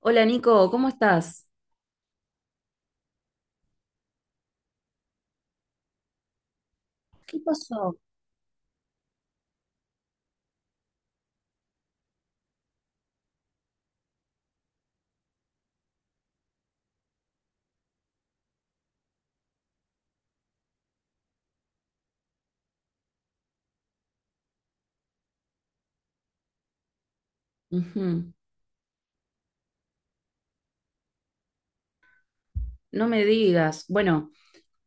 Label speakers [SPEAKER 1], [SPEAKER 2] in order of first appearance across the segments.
[SPEAKER 1] Hola Nico, ¿cómo estás? ¿Qué pasó? Ujú. No me digas. Bueno,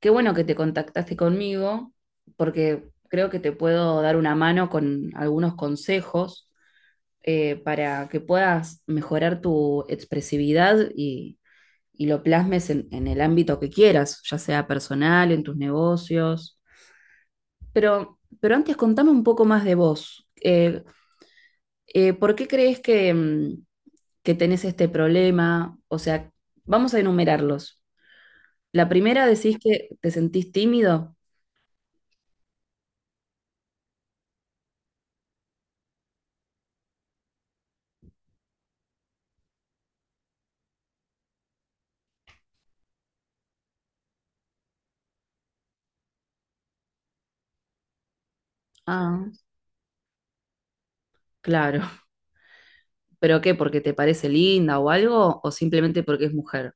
[SPEAKER 1] qué bueno que te contactaste conmigo porque creo que te puedo dar una mano con algunos consejos para que puedas mejorar tu expresividad y lo plasmes en el ámbito que quieras, ya sea personal, en tus negocios. Pero antes contame un poco más de vos. ¿Por qué crees que, que tenés este problema? O sea, vamos a enumerarlos. La primera, decís que te sentís tímido. Ah, claro. ¿Pero qué? ¿Porque te parece linda o algo? ¿O simplemente porque es mujer?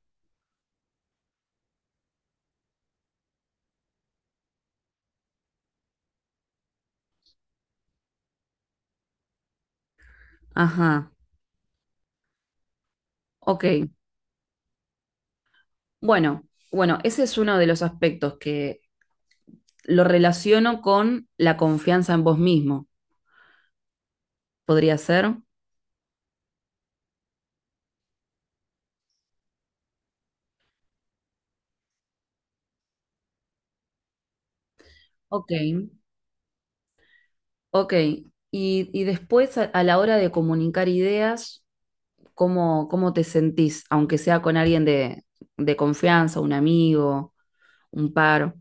[SPEAKER 1] Ajá, ok. Bueno, bueno, ese es uno de los aspectos que lo relaciono con la confianza en vos mismo. ¿Podría ser? Ok, ok. Y después a la hora de comunicar ideas, ¿cómo, cómo te sentís? Aunque sea con alguien de confianza, un amigo, un par.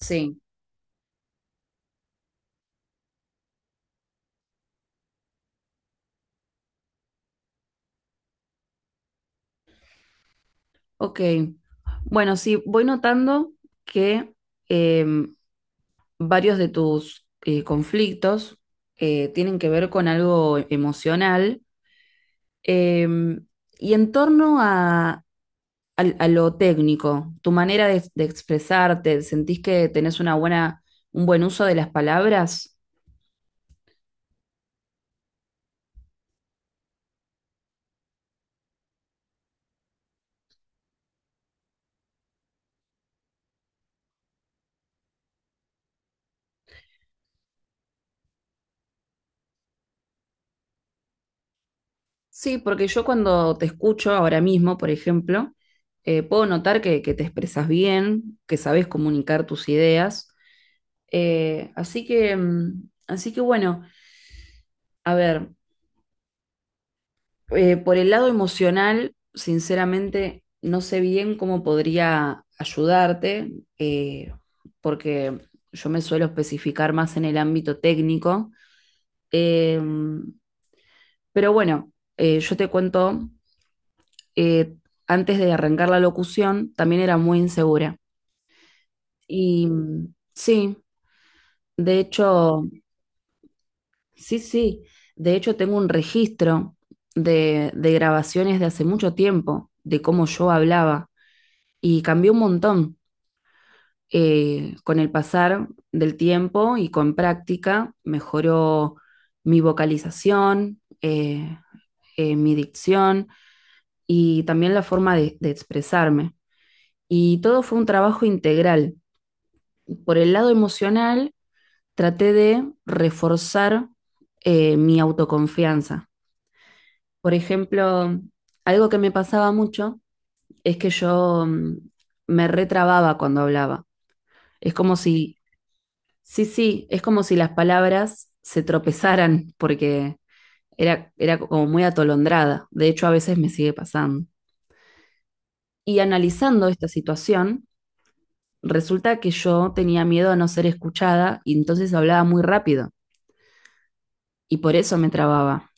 [SPEAKER 1] Sí, ok. Bueno, sí, voy notando que eh, varios de tus conflictos tienen que ver con algo emocional, eh, y en torno a, al a lo técnico, tu manera de expresarte, ¿sentís que tenés una buena, un buen uso de las palabras? Sí, porque yo cuando te escucho ahora mismo, por ejemplo, puedo notar que te expresas bien, que sabes comunicar tus ideas. Así que bueno, a ver, por el lado emocional, sinceramente, no sé bien cómo podría ayudarte, eh, porque yo me suelo especificar más en el ámbito técnico. Eh, pero bueno, yo te cuento, eh, antes de arrancar la locución, también era muy insegura. Y sí, de hecho, sí, sí, de hecho tengo un registro de grabaciones de hace mucho tiempo, de cómo yo hablaba, y cambió un montón con el pasar del tiempo y con práctica. Mejoró mi vocalización, mi dicción y también la forma de expresarme. Y todo fue un trabajo integral. Por el lado emocional, traté de reforzar mi autoconfianza. Por ejemplo, algo que me pasaba mucho es que yo, me retrababa cuando hablaba. Es como si, sí, sí, es como si las palabras se tropezaran porque era, era como muy atolondrada. De hecho, a veces me sigue pasando. Y analizando esta situación, resulta que yo tenía miedo a no ser escuchada y entonces hablaba muy rápido y por eso me trababa.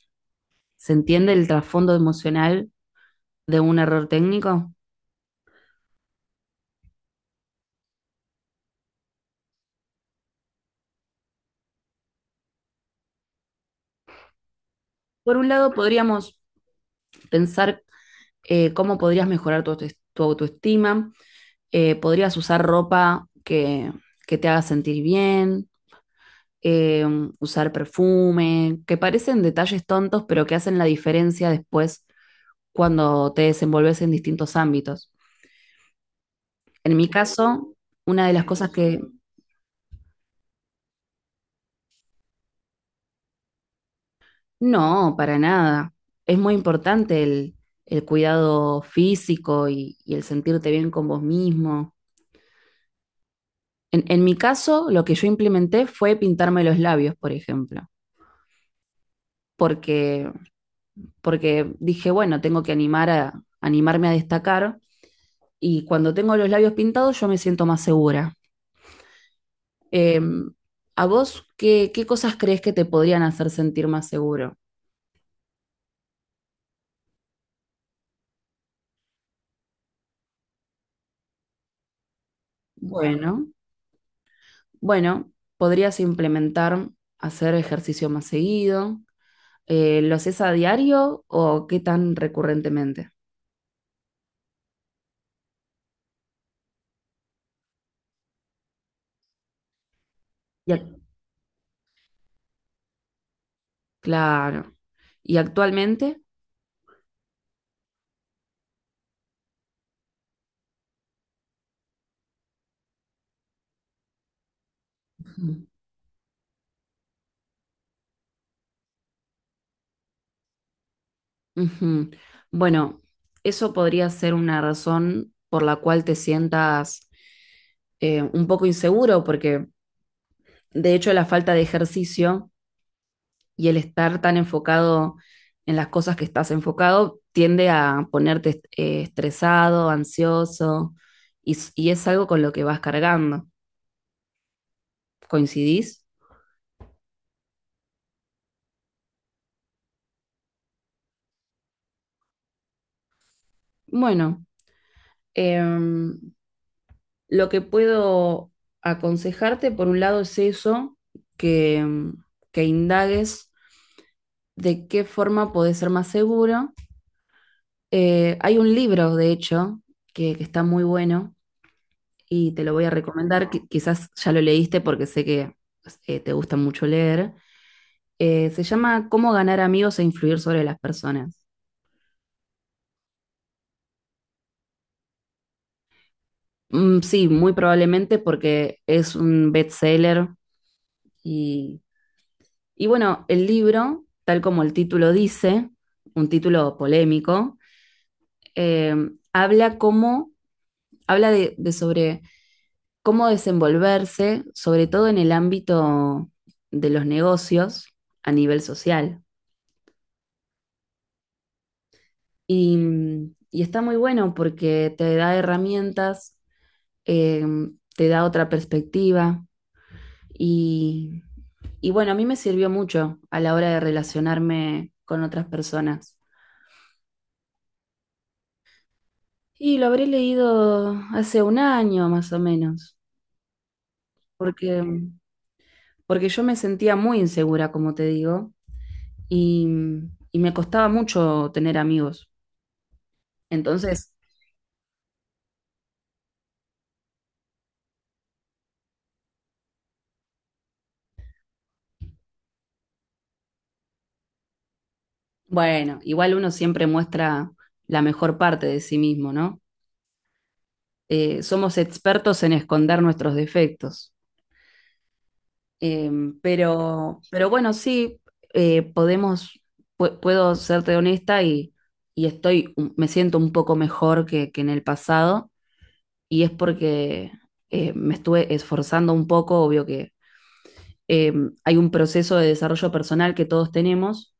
[SPEAKER 1] ¿Se entiende el trasfondo emocional de un error técnico? Por un lado, podríamos pensar cómo podrías mejorar tu, auto- tu autoestima. Podrías usar ropa que te haga sentir bien, eh, usar perfume, que parecen detalles tontos, pero que hacen la diferencia después cuando te desenvolves en distintos ámbitos. En mi caso, una de las cosas que... No, para nada. Es muy importante el cuidado físico y el sentirte bien con vos mismo. En mi caso, lo que yo implementé fue pintarme los labios, por ejemplo, porque, porque dije, bueno, tengo que animar a, animarme a destacar, y cuando tengo los labios pintados yo me siento más segura. Em, ¿A vos qué, qué cosas crees que te podrían hacer sentir más seguro? Bueno, bueno, podrías implementar hacer ejercicio más seguido. ¿Lo haces a diario o qué tan recurrentemente? Y ac- claro. ¿Y actualmente? Ujú. Ujú. Bueno, eso podría ser una razón por la cual te sientas un poco inseguro, porque de hecho la falta de ejercicio y el estar tan enfocado en las cosas que estás enfocado tiende a ponerte est- estresado, ansioso, y, s- y es algo con lo que vas cargando. ¿Coincidís? Bueno. Em, lo que puedo aconsejarte, por un lado, es eso, que, que indagues de qué forma podés ser más seguro. Hay un libro, de hecho, que está muy bueno y te lo voy a recomendar. Qui- quizás ya lo leíste porque sé que te gusta mucho leer. Se llama Cómo ganar amigos e influir sobre las personas. Sí, muy probablemente porque es un bestseller. Y bueno, el libro, tal como el título dice, un título polémico, eh, habla cómo, habla de sobre cómo desenvolverse, sobre todo en el ámbito de los negocios a nivel social. Y, y está muy bueno porque te da herramientas, eh, te da otra perspectiva y, y bueno, a mí me sirvió mucho a la hora de relacionarme con otras personas. Y lo habré leído hace un año más o menos, porque, porque yo me sentía muy insegura, como te digo, y, y me costaba mucho tener amigos. Entonces, bueno, igual uno siempre muestra la mejor parte de sí mismo, ¿no? Somos expertos en esconder nuestros defectos. Eh, pero bueno, sí, podemos, pu- puedo serte honesta y estoy, me siento un poco mejor que en el pasado, y es porque me estuve esforzando un poco. Obvio que eh, hay un proceso de desarrollo personal que todos tenemos.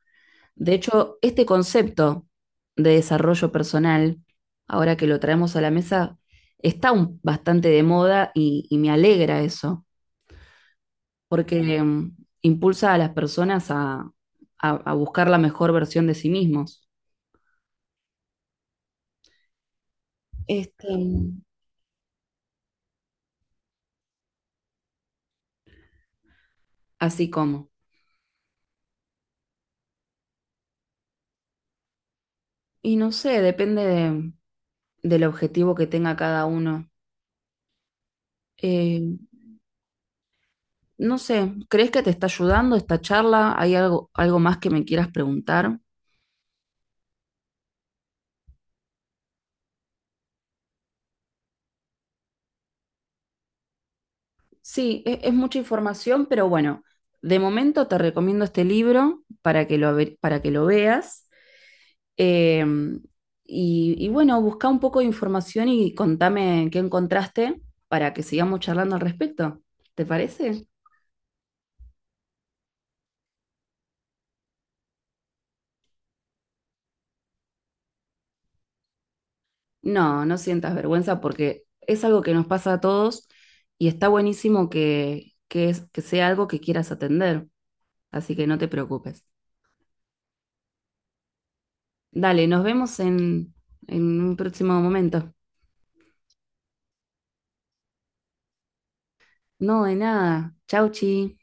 [SPEAKER 1] De hecho, este concepto de desarrollo personal, ahora que lo traemos a la mesa, está un- bastante de moda, y me alegra eso, porque impulsa a las personas a buscar la mejor versión de sí mismos. Este, así como. Y no sé, depende de- del objetivo que tenga cada uno. Eh, No sé, ¿crees que te está ayudando esta charla? ¿Hay algo, algo más que me quieras preguntar? Sí, e- es mucha información, pero bueno, de momento te recomiendo este libro para que lo, ve- para que lo veas. Eh, y bueno, busca un poco de información y contame qué encontraste para que sigamos charlando al respecto. ¿Te parece? No, no sientas vergüenza porque es algo que nos pasa a todos y está buenísimo que es- que sea algo que quieras atender, así que no te preocupes. Dale, nos vemos en un próximo momento. No, de nada. Chau, chi.